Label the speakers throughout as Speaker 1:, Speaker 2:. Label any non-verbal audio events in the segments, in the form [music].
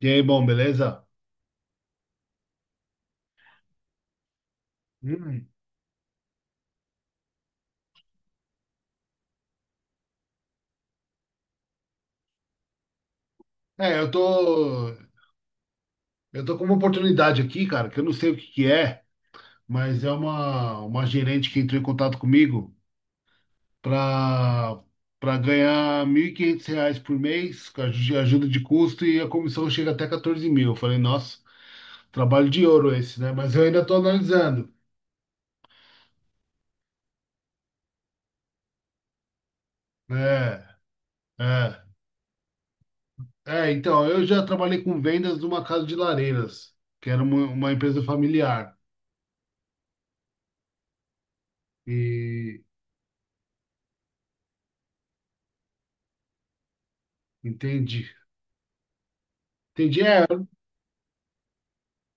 Speaker 1: E aí, bom, beleza? Hum. É, eu tô, eu tô com uma oportunidade aqui, cara, que eu não sei o que que é, mas é uma gerente que entrou em contato comigo para para ganhar R$ 1.500 por mês, com a ajuda de custo, e a comissão chega até 14 mil. Eu falei, nossa, trabalho de ouro esse, né? Mas eu ainda tô analisando. É, é. É, então, eu já trabalhei com vendas numa casa de lareiras, que era uma empresa familiar. E entendi. Entendi. É,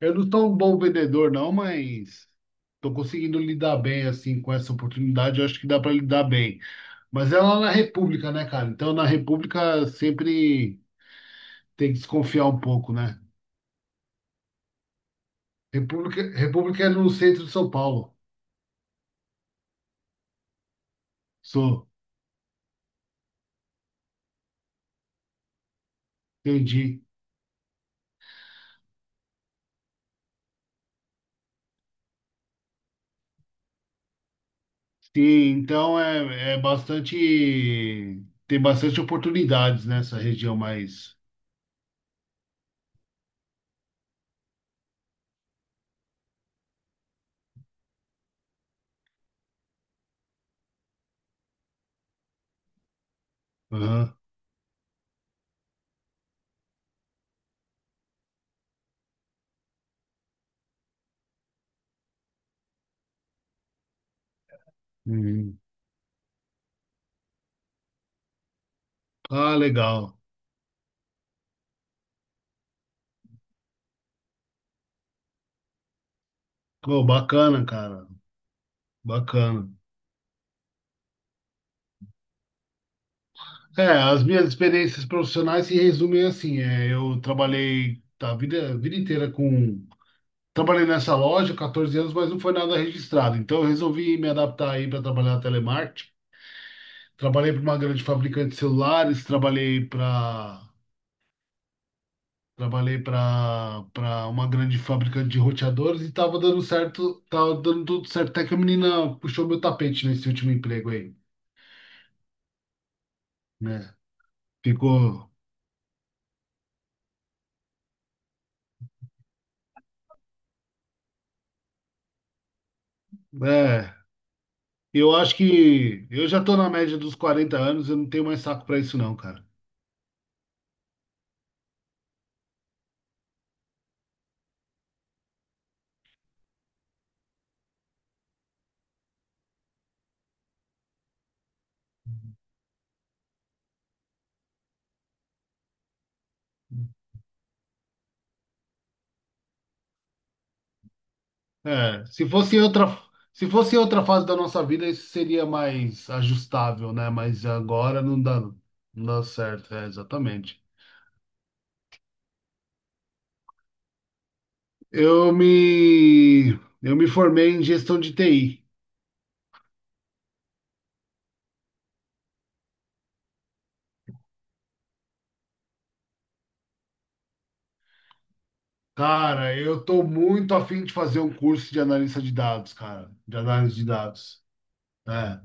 Speaker 1: eu não sou um bom vendedor, não, mas estou conseguindo lidar bem assim com essa oportunidade. Eu acho que dá para lidar bem. Mas é lá na República, né, cara? Então, na República sempre tem que desconfiar um pouco, né? República é no centro de São Paulo. Sou, entendi. Sim, então é bastante. Tem bastante oportunidades nessa região mais. Aham. Uhum. Ah, legal. Pô, bacana, cara. Bacana. É, as minhas experiências profissionais se resumem assim. É, eu trabalhei a vida inteira com. Trabalhei nessa loja 14 anos, mas não foi nada registrado. Então eu resolvi me adaptar aí para trabalhar telemarketing. Trabalhei para uma grande fabricante de celulares, trabalhei para uma grande fabricante de roteadores e estava dando certo, tava dando tudo certo. Até que a menina puxou meu tapete nesse último emprego aí, né? Ficou. É. Eu acho que eu já tô na média dos 40 anos, eu não tenho mais saco pra isso não, cara. É, se fosse outra fase da nossa vida, isso seria mais ajustável, né? Mas agora não dá, não dá certo, é, exatamente. Eu me, eu me formei em gestão de TI. Cara, eu tô muito afim de fazer um curso de analista de dados, cara, de análise de dados. É.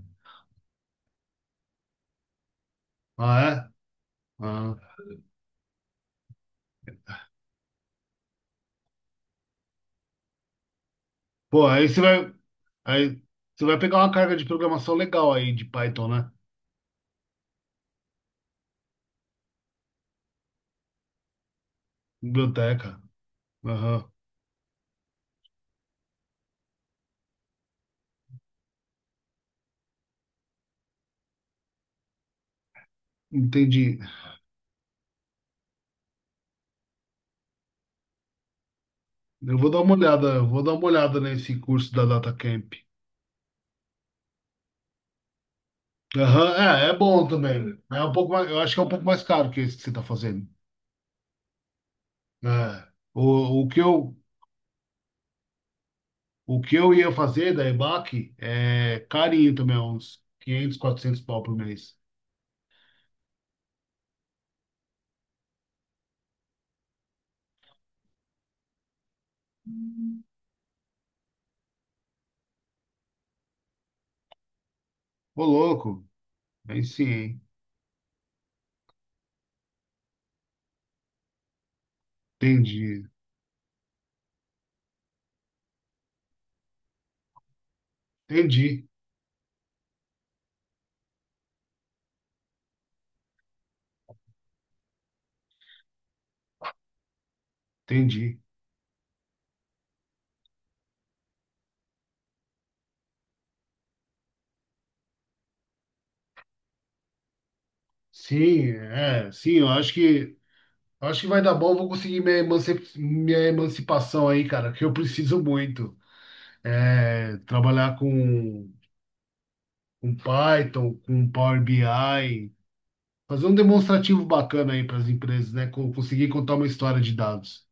Speaker 1: Ah, é? Ah. Pô, aí você vai pegar uma carga de programação legal aí de Python, né? Biblioteca. Aham, entendi. Eu vou dar uma olhada nesse curso da DataCamp. Aham, é, é bom também. Eu acho que é um pouco mais caro que esse que você está fazendo. É. O, o que eu, o que eu ia fazer da EBAC é carinho também, é uns 500 400 pau por mês. Ô, louco, aí sim, hein? Entendi, entendi, entendi. Sim, é, sim, eu acho que vai dar bom, eu vou conseguir emanci- minha emancipação aí, cara, que eu preciso muito. É, trabalhar com Python, com Power BI, fazer um demonstrativo bacana aí para as empresas, né? Conseguir contar uma história de dados.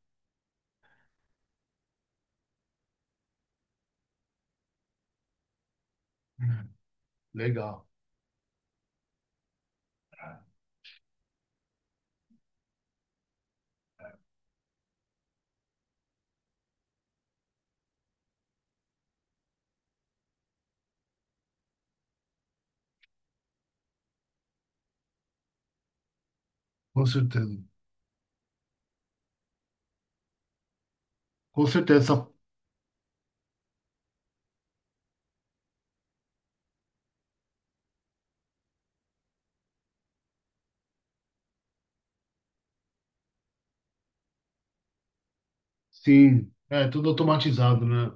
Speaker 1: Legal, com certeza. Com certeza, sim. É tudo automatizado, né?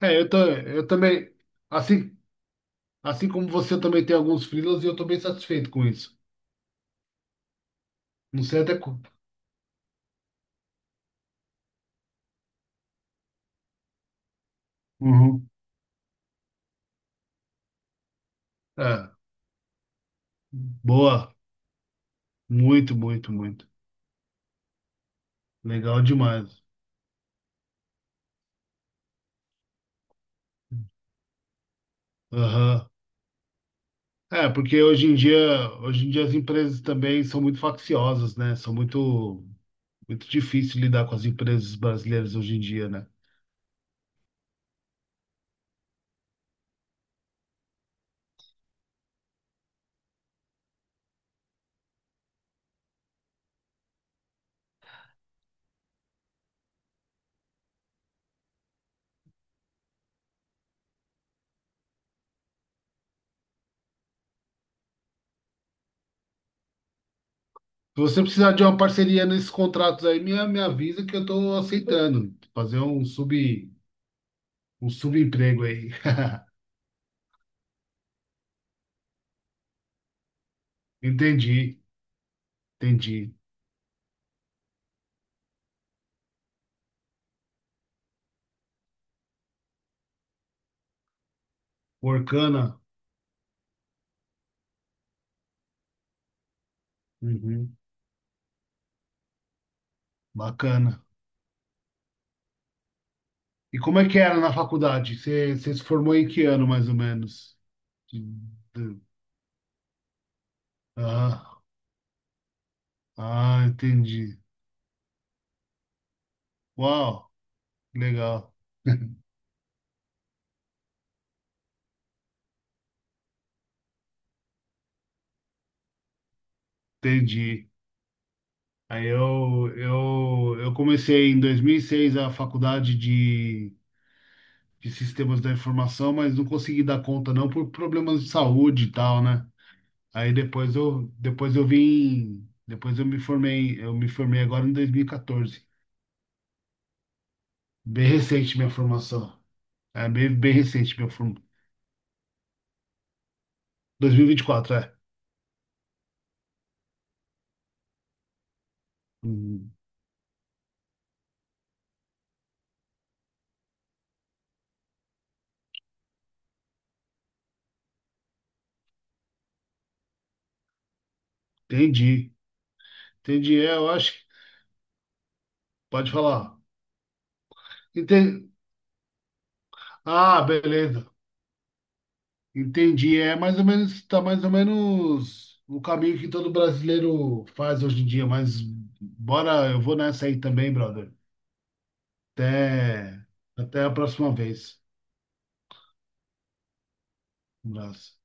Speaker 1: É, eu também, assim, assim como você eu também tem alguns freelas e eu tô bem satisfeito com isso. Não sei até. Co- Uhum. É, boa. Muito, muito, muito. Legal demais. Aham. É, porque hoje em dia as empresas também são muito facciosas, né? São muito, muito difícil lidar com as empresas brasileiras hoje em dia, né? Se você precisar de uma parceria nesses contratos aí, me avisa que eu tô aceitando. Um subemprego aí. [laughs] Entendi, entendi. Workana. Uhum. Bacana. E como é que era na faculdade? Você se formou em que ano, mais ou menos? Entendeu? Ah, ah, entendi. Uau, legal, entendi. Eu comecei em 2006 a faculdade de Sistemas da Informação, mas não consegui dar conta não por problemas de saúde e tal, né? Aí depois eu vim, depois eu me formei agora em 2014. Bem recente minha formação. É bem, bem recente minha formação. 2024, é. Hum, Entendi, entendi. É, eu acho que pode falar. Enten- Ah, beleza. Entendi. É mais ou menos, tá mais ou menos o caminho que todo brasileiro faz hoje em dia, mas bora, eu vou nessa aí também, brother. Até, até a próxima vez. Um abraço.